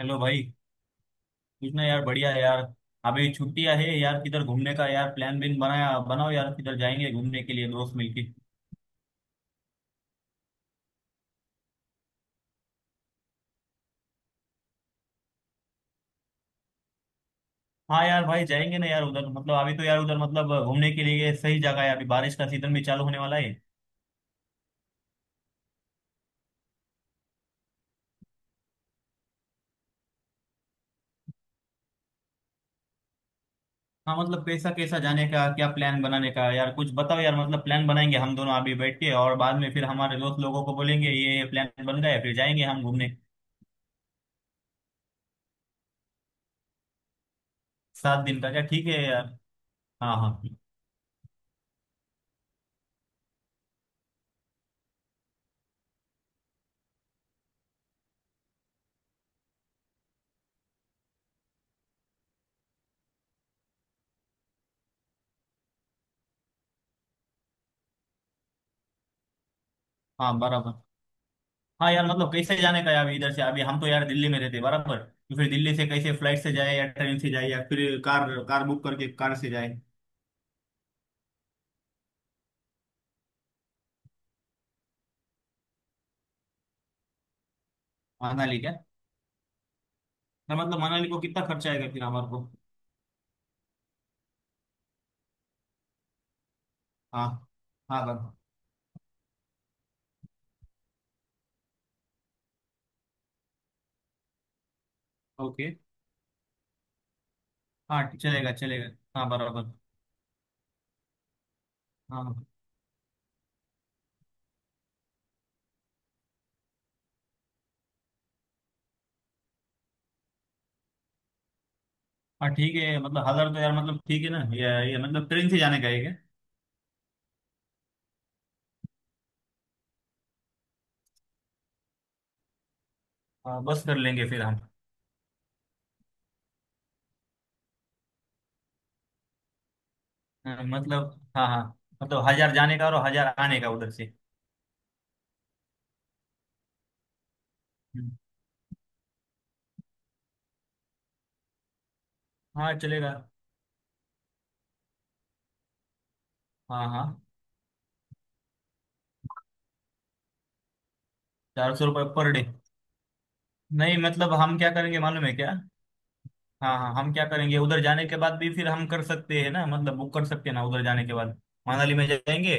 Hello भाई। कुछ ना यार, बढ़िया है यार। अभी छुट्टियां है यार, किधर घूमने का यार प्लान बिन बनाया, बनाओ यार किधर जाएंगे घूमने के लिए दोस्त मिलके। हाँ यार भाई, जाएंगे ना यार उधर, मतलब अभी तो यार उधर मतलब घूमने के लिए सही जगह है, अभी बारिश का सीजन भी चालू होने वाला है। हाँ मतलब कैसा कैसा जाने का, क्या प्लान बनाने का यार कुछ बताओ यार, मतलब प्लान बनाएंगे हम दोनों अभी बैठ के और बाद में फिर हमारे दोस्त लोगों को बोलेंगे ये प्लान बन गया है, फिर जाएंगे हम घूमने। 7 दिन का क्या? ठीक है यार। हाँ हाँ। हाँ बराबर। हाँ यार मतलब कैसे जाने का है? अभी इधर से, अभी हम तो यार दिल्ली में रहते बराबर, तो फिर दिल्ली से कैसे, फ्लाइट से जाए या ट्रेन से जाए या फिर कार कार बुक करके कार से जाए। मनाली क्या? ना मतलब मनाली को कितना खर्चा आएगा फिर हमारे को? हाँ हाँ बराबर। ओके। हाँ चलेगा चलेगा। हाँ बराबर। हाँ हाँ ठीक है, मतलब हजार तो यार मतलब ठीक है ना, ये मतलब ट्रेन से जाने का है क्या? हाँ, बस कर लेंगे फिर हम। हाँ, मतलब हाँ हाँ। मतलब हजार जाने का और हजार आने का उधर से। हम्म, हाँ चलेगा। हाँ हाँ। 400 रुपये पर डे? नहीं मतलब हम क्या करेंगे मालूम है क्या? हाँ हाँ हम क्या करेंगे उधर जाने के बाद भी फिर हम कर सकते हैं ना, मतलब बुक कर सकते हैं ना उधर जाने के बाद। मनाली में जाएंगे।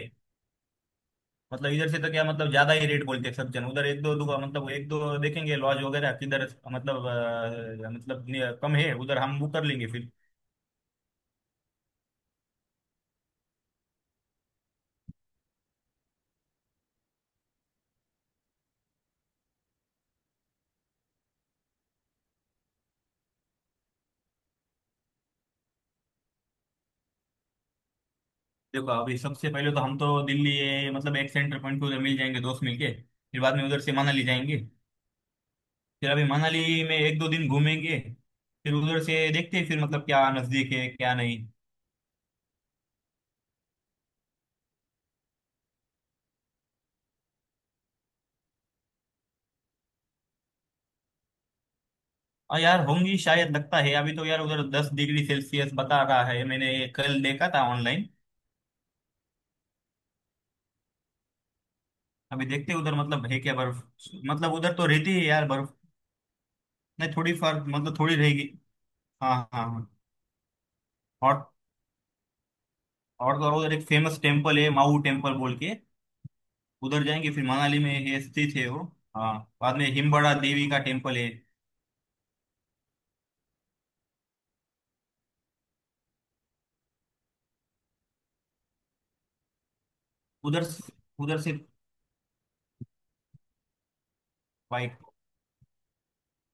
मतलब इधर से तो क्या, मतलब ज्यादा ही रेट बोलते हैं सब जन, उधर एक दो दुका मतलब एक दो देखेंगे लॉज वगैरह किधर मतलब, मतलब कम है उधर हम बुक कर लेंगे फिर। देखो अभी सबसे पहले तो हम तो मतलब एक सेंटर पॉइंट पे उधर मिल जाएंगे दोस्त मिलके। फिर बाद में उधर से मनाली जाएंगे। फिर अभी मनाली में एक दो दिन घूमेंगे। फिर उधर से देखते हैं फिर मतलब क्या नजदीक है क्या नहीं। और यार होंगी शायद, लगता है अभी तो यार उधर 10 डिग्री सेल्सियस बता रहा है, मैंने ये कल देखा था ऑनलाइन। अभी देखते हैं उधर मतलब है क्या बर्फ। मतलब उधर तो रहती है यार बर्फ। नहीं थोड़ी फर्क, मतलब थोड़ी रहेगी। हाँ हाँ हाँ। और। और तो और उधर एक फेमस टेम्पल है, माऊ टेम्पल बोल के। उधर जाएंगे, फिर मनाली में है स्थित है वो। हाँ। बाद में हिमबड़ा देवी का टेम्पल है। उधर। उधर से। बाइक।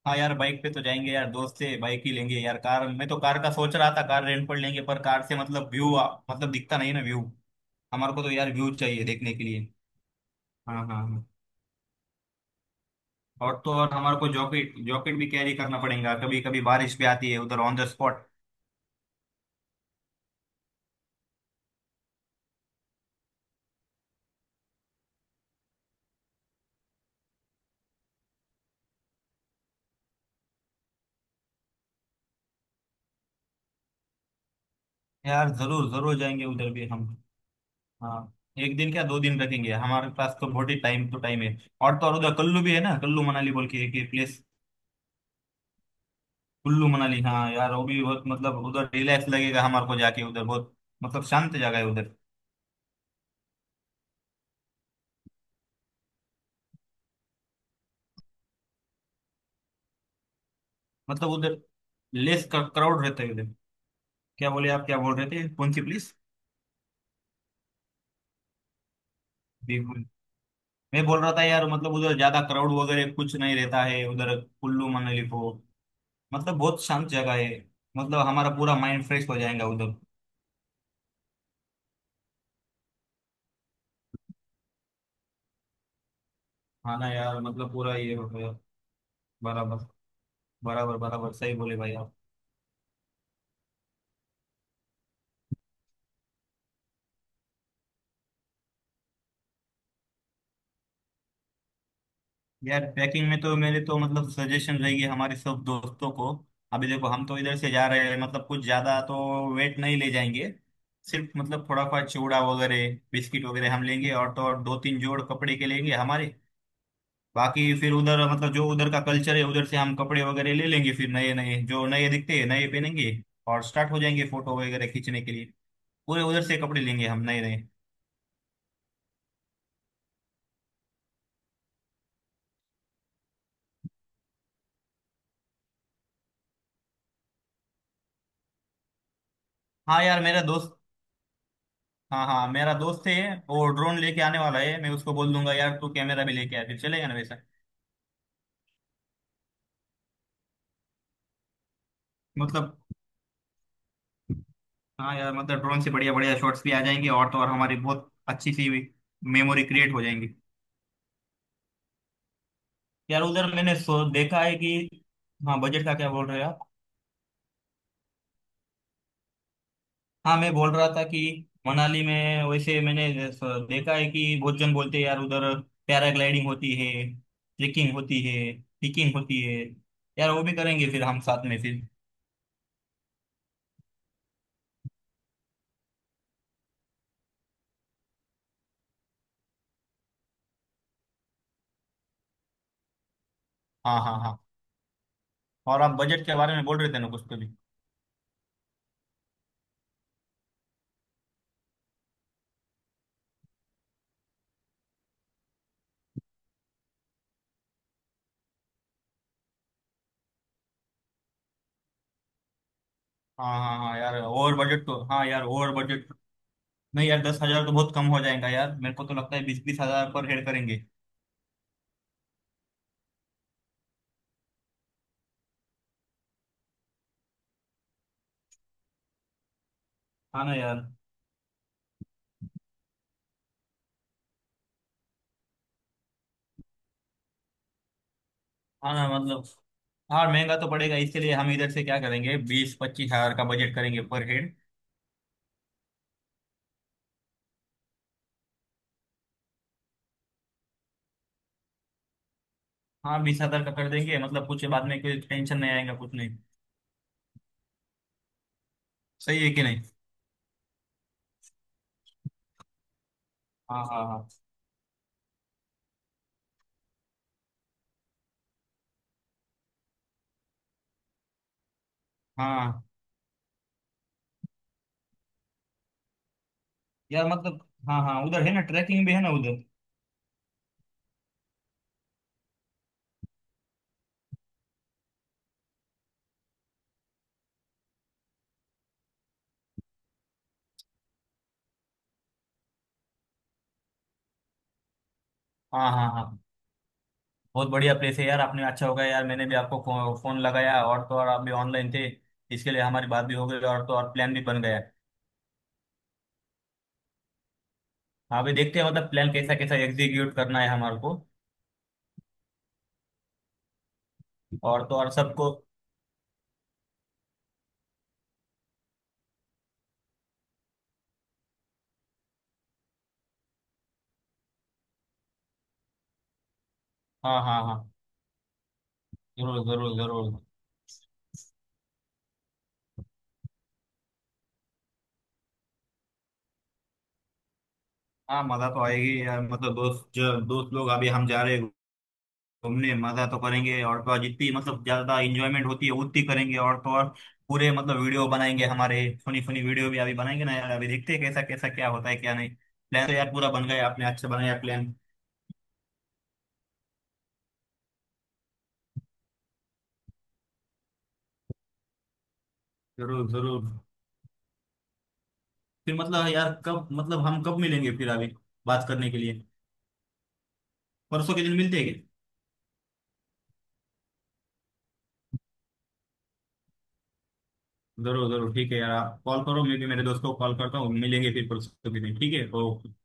हाँ यार बाइक पे तो जाएंगे यार, दोस्त से बाइक ही लेंगे यार, कार मैं तो कार का सोच रहा था कार रेंट पर लेंगे पर कार से मतलब व्यू मतलब दिखता नहीं ना व्यू। हमारे को तो यार व्यू चाहिए देखने के लिए। हाँ हाँ हाँ। और तो और हमारे को जॉकेट जॉकेट भी कैरी करना पड़ेगा, कभी कभी बारिश भी आती है उधर ऑन द स्पॉट। यार जरूर जरूर जाएंगे उधर भी हम। हाँ। एक दिन क्या, दो दिन रखेंगे हमारे पास तो बहुत ही टाइम, तो टाइम है। और तो और उधर कुल्लू भी है ना, कुल्लू मनाली बोल के एक प्लेस। कुल्लू मनाली हाँ यार वो भी बहुत मतलब उधर रिलैक्स लगेगा हमारे को जाके उधर बहुत। मतलब शांत जगह है उधर। मतलब उधर लेस क्राउड रहता है उधर। क्या बोले आप, क्या बोल रहे थे, कौन सी प्लेस? मैं बोल रहा था यार मतलब उधर ज्यादा क्राउड वगैरह कुछ नहीं रहता है उधर कुल्लू मनाली को। मतलब बहुत शांत जगह है। मतलब हमारा पूरा माइंड फ्रेश हो जाएगा उधर। हाँ ना यार मतलब पूरा ये हो गया। बराबर। बराबर बराबर सही बोले भाई आप। यार ट्रैकिंग में तो मेरे तो मतलब सजेशन रहेगी हमारे सब दोस्तों को। अभी देखो हम तो इधर से जा रहे हैं, मतलब कुछ ज्यादा तो वेट नहीं ले जाएंगे। सिर्फ मतलब थोड़ा सा चिवड़ा वगैरह बिस्किट वगैरह हम लेंगे और तो और दो तीन जोड़ कपड़े के लेंगे हमारे। बाकी फिर उधर मतलब जो उधर का कल्चर है उधर से हम कपड़े वगैरह ले लेंगे, फिर नए नए जो नए दिखते हैं नए पहनेंगे। और स्टार्ट हो जाएंगे फोटो वगैरह खींचने के लिए। पूरे उधर से कपड़े लेंगे हम नए नए। हाँ यार मेरा दोस्त। हाँ हाँ मेरा दोस्त है वो, ड्रोन लेके आने वाला है, मैं उसको बोल दूंगा यार तू कैमरा भी लेके आ, फिर चलेगा ना वैसा। मतलब हाँ यार मतलब ड्रोन से बढ़िया बढ़िया शॉट्स भी आ जाएंगे और तो और हमारी बहुत अच्छी सी मेमोरी क्रिएट हो जाएंगी। यार उधर मैंने सो देखा है कि। हाँ बजट का क्या बोल रहे हो आप? हाँ मैं बोल रहा था कि मनाली में वैसे देखा है कि बहुत जन बोलते हैं यार उधर पैराग्लाइडिंग होती है, ट्रेकिंग होती है, पिकिंग होती है, यार वो भी करेंगे फिर हम साथ में फिर। हाँ हाँ हाँ। और आप बजट के बारे में बोल रहे थे ना, कुछ तो भी। हाँ हाँ हाँ यार, ओवर बजट तो, हाँ यार ओवर बजट। नहीं यार 10,000 तो बहुत कम हो जाएगा यार, मेरे को तो लगता है बीस बीस हजार पर हेड करेंगे। हाँ ना यार। हाँ ना मतलब। हाँ महंगा तो पड़ेगा, इसके लिए हम इधर से क्या करेंगे, 20-25 हजार का बजट करेंगे पर हेड। हाँ 20,000 का कर देंगे, मतलब कुछ बाद में कोई टेंशन नहीं आएगा कुछ नहीं। सही है कि नहीं? हाँ हाँ हाँ। हाँ यार मतलब। हाँ हाँ उधर है ना ट्रैकिंग भी है ना उधर। हाँ हाँ हाँ। बहुत बढ़िया प्लेस है यार आपने, अच्छा हो गया यार मैंने भी आपको फोन लगाया और तो और आप भी ऑनलाइन थे। इसके लिए हमारी बात भी हो गई और तो और प्लान भी बन गया। हाँ अभी देखते हैं मतलब प्लान कैसा कैसा एग्जीक्यूट करना है हमारे को। और तो और सबको। हाँ हाँ हाँ। जरूर जरूर जरूर। हाँ मजा तो आएगी यार, मतलब दोस्त जो दोस्त लोग अभी हम जा रहे हैं घूमने मजा तो करेंगे और तो और जितनी मतलब ज्यादा इंजॉयमेंट होती है उतनी करेंगे और तो और पूरे मतलब वीडियो बनाएंगे हमारे फनी फनी वीडियो भी अभी बनाएंगे ना यार, अभी देखते हैं कैसा कैसा क्या होता है क्या नहीं। प्लान तो यार पूरा बन गया, आपने अच्छा बनाया प्लान। जरूर जरूर। फिर मतलब यार कब मतलब हम कब मिलेंगे फिर अभी बात करने के लिए? परसों के दिन मिलते हैं क्या? जरूर जरूर ठीक है यार, आप कॉल करो मैं भी मेरे दोस्त को कॉल करता हूँ, मिलेंगे फिर परसों के दिन, ठीक है ओ।